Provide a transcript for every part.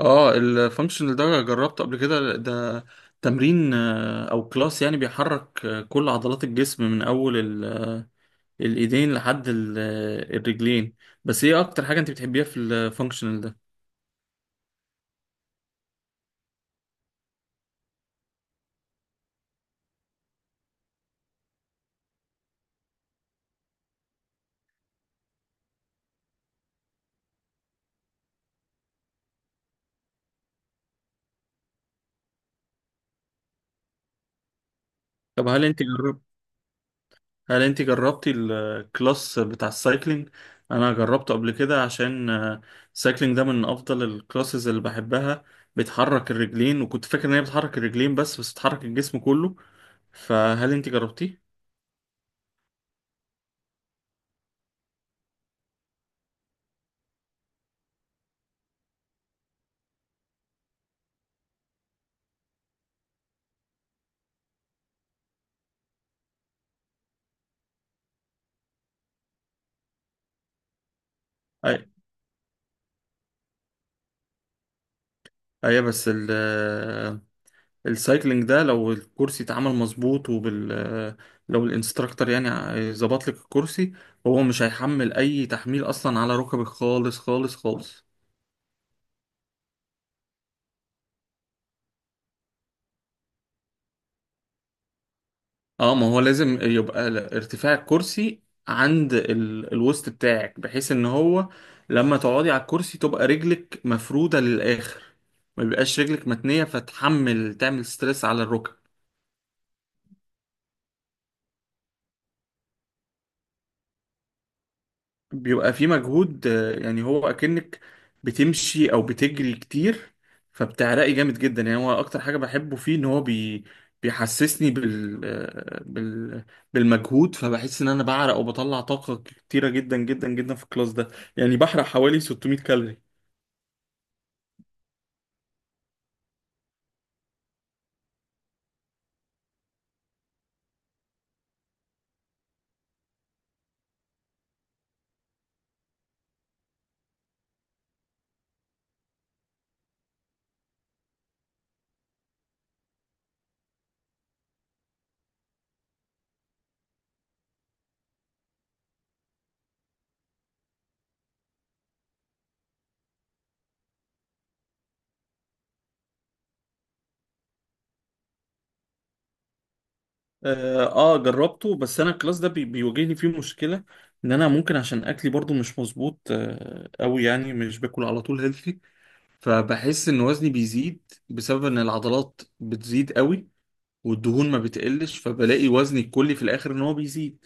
اه، الفانكشنال ده جربته قبل كده. ده تمرين، او كلاس، يعني بيحرك كل عضلات الجسم، من اول الايدين لحد الرجلين. بس ايه اكتر حاجة انت بتحبيها في الفانكشنال ده؟ طب هل انت جربتي الكلاس بتاع السايكلينج؟ انا جربته قبل كده، عشان السايكلينج ده من افضل الكلاسز اللي بحبها. بتحرك الرجلين، وكنت فاكر ان هي بتحرك الرجلين بس، بس بتحرك الجسم كله. فهل انت جربتيه؟ ايوه، بس السايكلينج ده لو الكرسي اتعمل مظبوط لو الانستراكتور يعني ظبط لك الكرسي، هو مش هيحمل اي تحميل اصلا على ركبك، خالص خالص خالص. اه، ما هو لازم يبقى ارتفاع الكرسي عند الوسط بتاعك، بحيث ان هو لما تقعدي على الكرسي تبقى رجلك مفرودة للاخر، ما بيبقاش رجلك متنية فتحمل تعمل ستريس على الركب. بيبقى في مجهود، يعني هو اكنك بتمشي او بتجري كتير، فبتعرقي جامد جدا. يعني هو اكتر حاجه بحبه فيه ان هو بيحسسني بالمجهود. فبحس ان انا بعرق وبطلع طاقه كتيره جدا جدا جدا في الكلاس ده، يعني بحرق حوالي 600 كالوري. اه، جربته، بس انا الكلاس ده بيواجهني فيه مشكله، ان انا ممكن عشان اكلي برضو مش مظبوط قوي، يعني مش باكل على طول healthy. فبحس ان وزني بيزيد بسبب ان العضلات بتزيد قوي والدهون ما بتقلش، فبلاقي وزني الكلي في الاخر ان هو بيزيد.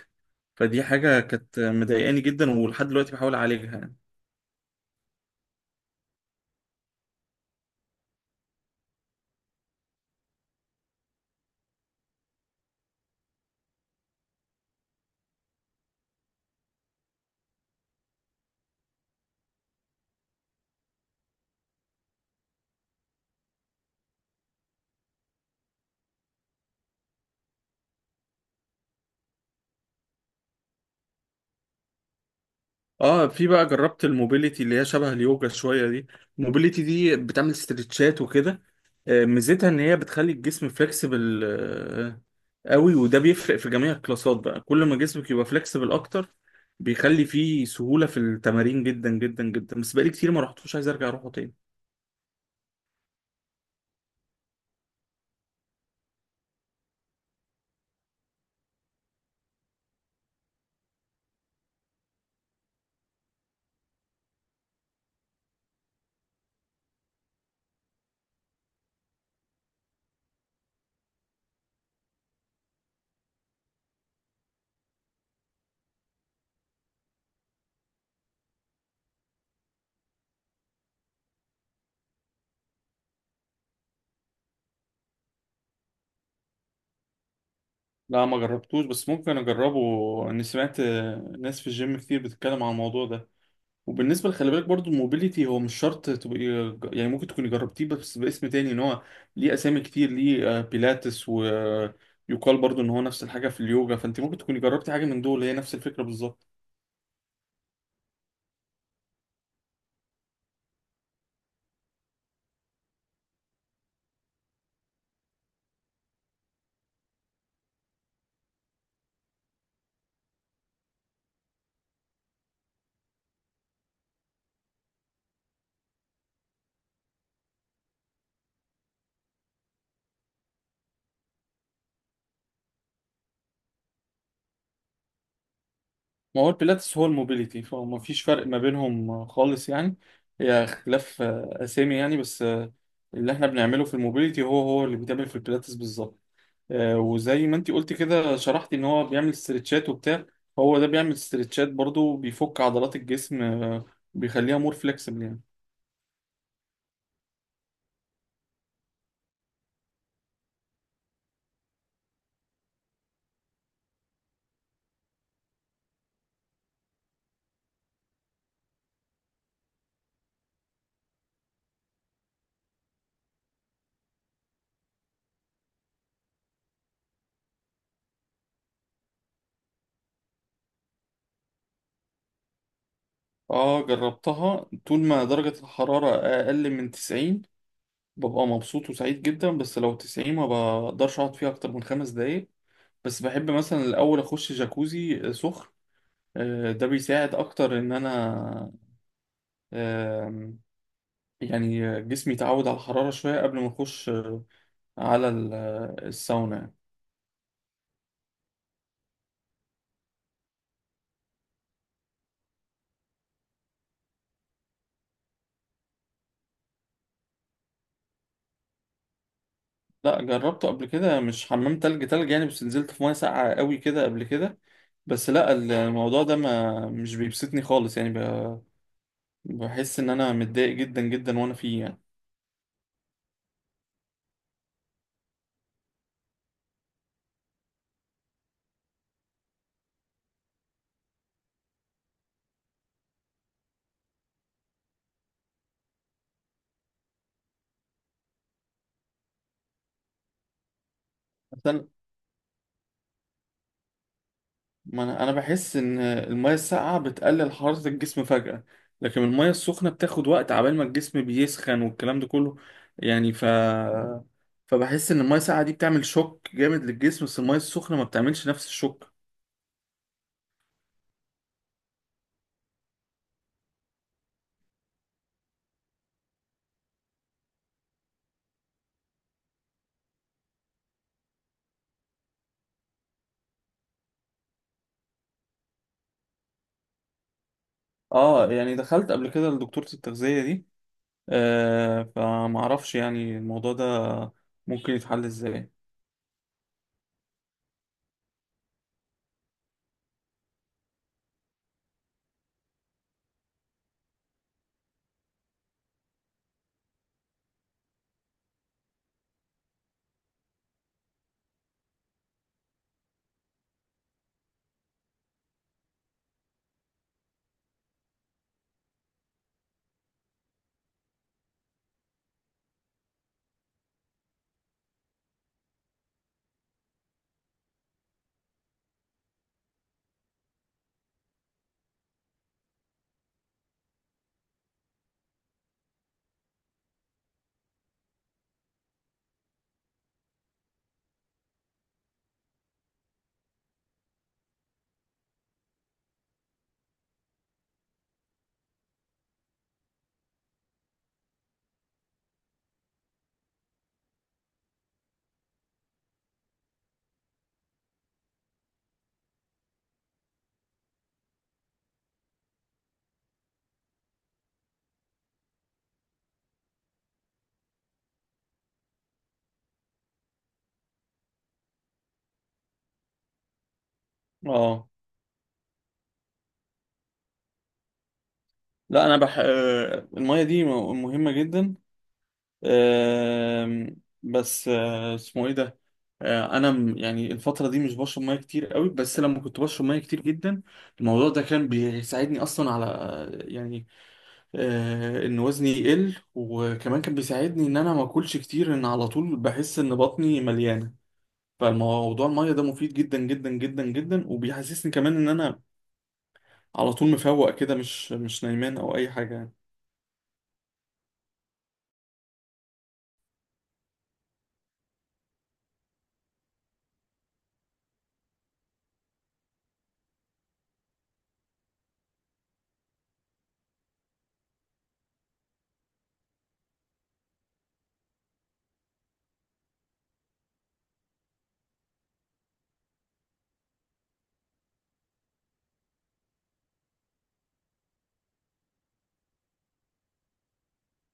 فدي حاجة كانت مضايقاني جدا، ولحد دلوقتي بحاول اعالجها يعني. اه، في بقى جربت الموبيليتي اللي هي شبه اليوجا شويه دي. الموبيليتي دي بتعمل استرتشات وكده، ميزتها ان هي بتخلي الجسم فليكسبل قوي. وده بيفرق في جميع الكلاسات، بقى كل ما جسمك يبقى فليكسبل اكتر، بيخلي فيه سهوله في التمارين جدا جدا جدا. بس بقالي كتير ما رحتوش، عايز ارجع اروحه تاني. لا ما جربتوش، بس ممكن اجربه، اني سمعت ناس في الجيم كتير بتتكلم عن الموضوع ده. وبالنسبه خلي بالك برضو، الموبيليتي هو مش شرط تبقى يعني، ممكن تكوني جربتيه بس باسم تاني، ان هو ليه اسامي كتير، ليه بيلاتس، ويقال برضو ان هو نفس الحاجه في اليوجا، فانت ممكن تكوني جربتي حاجه من دول هي نفس الفكره بالظبط. ما هو البيلاتس هو الموبيليتي، فما فيش فرق ما بينهم خالص يعني. هي اختلاف اسامي يعني، بس اللي احنا بنعمله في الموبيليتي هو هو اللي بيتعمل في البيلاتس بالظبط. وزي ما انت قلت كده شرحتي ان هو بيعمل استرتشات وبتاع، هو ده بيعمل استرتشات برضو، بيفك عضلات الجسم، بيخليها مور فليكسبل يعني. اه، جربتها طول ما درجة الحرارة اقل من 90 ببقى مبسوط وسعيد جدا. بس لو 90، ما بقدرش اقعد فيها اكتر من 5 دقايق. بس بحب مثلا الاول اخش جاكوزي سخن، ده بيساعد اكتر ان انا آه، يعني جسمي يتعود على الحرارة شوية قبل ما اخش على الساونا. لا، جربته قبل كده، مش حمام تلج تلج يعني، بس نزلت في ميه ساقعه قوي كده قبل كده. بس لا، الموضوع ده ما مش بيبسطني خالص يعني، بحس ان انا متضايق جدا جدا وانا فيه يعني. مثلا، ما انا أنا بحس ان الميه الساقعه بتقلل حراره الجسم فجأة، لكن الميه السخنه بتاخد وقت عبال ما الجسم بيسخن والكلام ده كله يعني. فبحس ان الميه الساقعه دي بتعمل شوك جامد للجسم، بس الميه السخنه ما بتعملش نفس الشوك. اه، يعني دخلت قبل كده لدكتورة التغذية دي، فمعرفش يعني الموضوع ده ممكن يتحل ازاي. اه، لا، انا بح... آه المية دي مهمة جدا. آه بس اسمه ايه ده؟ انا يعني الفترة دي مش بشرب مية كتير قوي، بس لما كنت بشرب مية كتير جدا، الموضوع ده كان بيساعدني اصلا على يعني ان وزني يقل، وكمان كان بيساعدني ان انا ما اكلش كتير، ان على طول بحس ان بطني مليانة. فالموضوع المية ده مفيد جدا جدا جدا جدا، وبيحسسني كمان ان انا على طول مفوق كده، مش نايمان او اي حاجة يعني.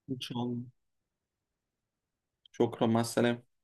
ان شاء الله. شكرا، مع السلامة.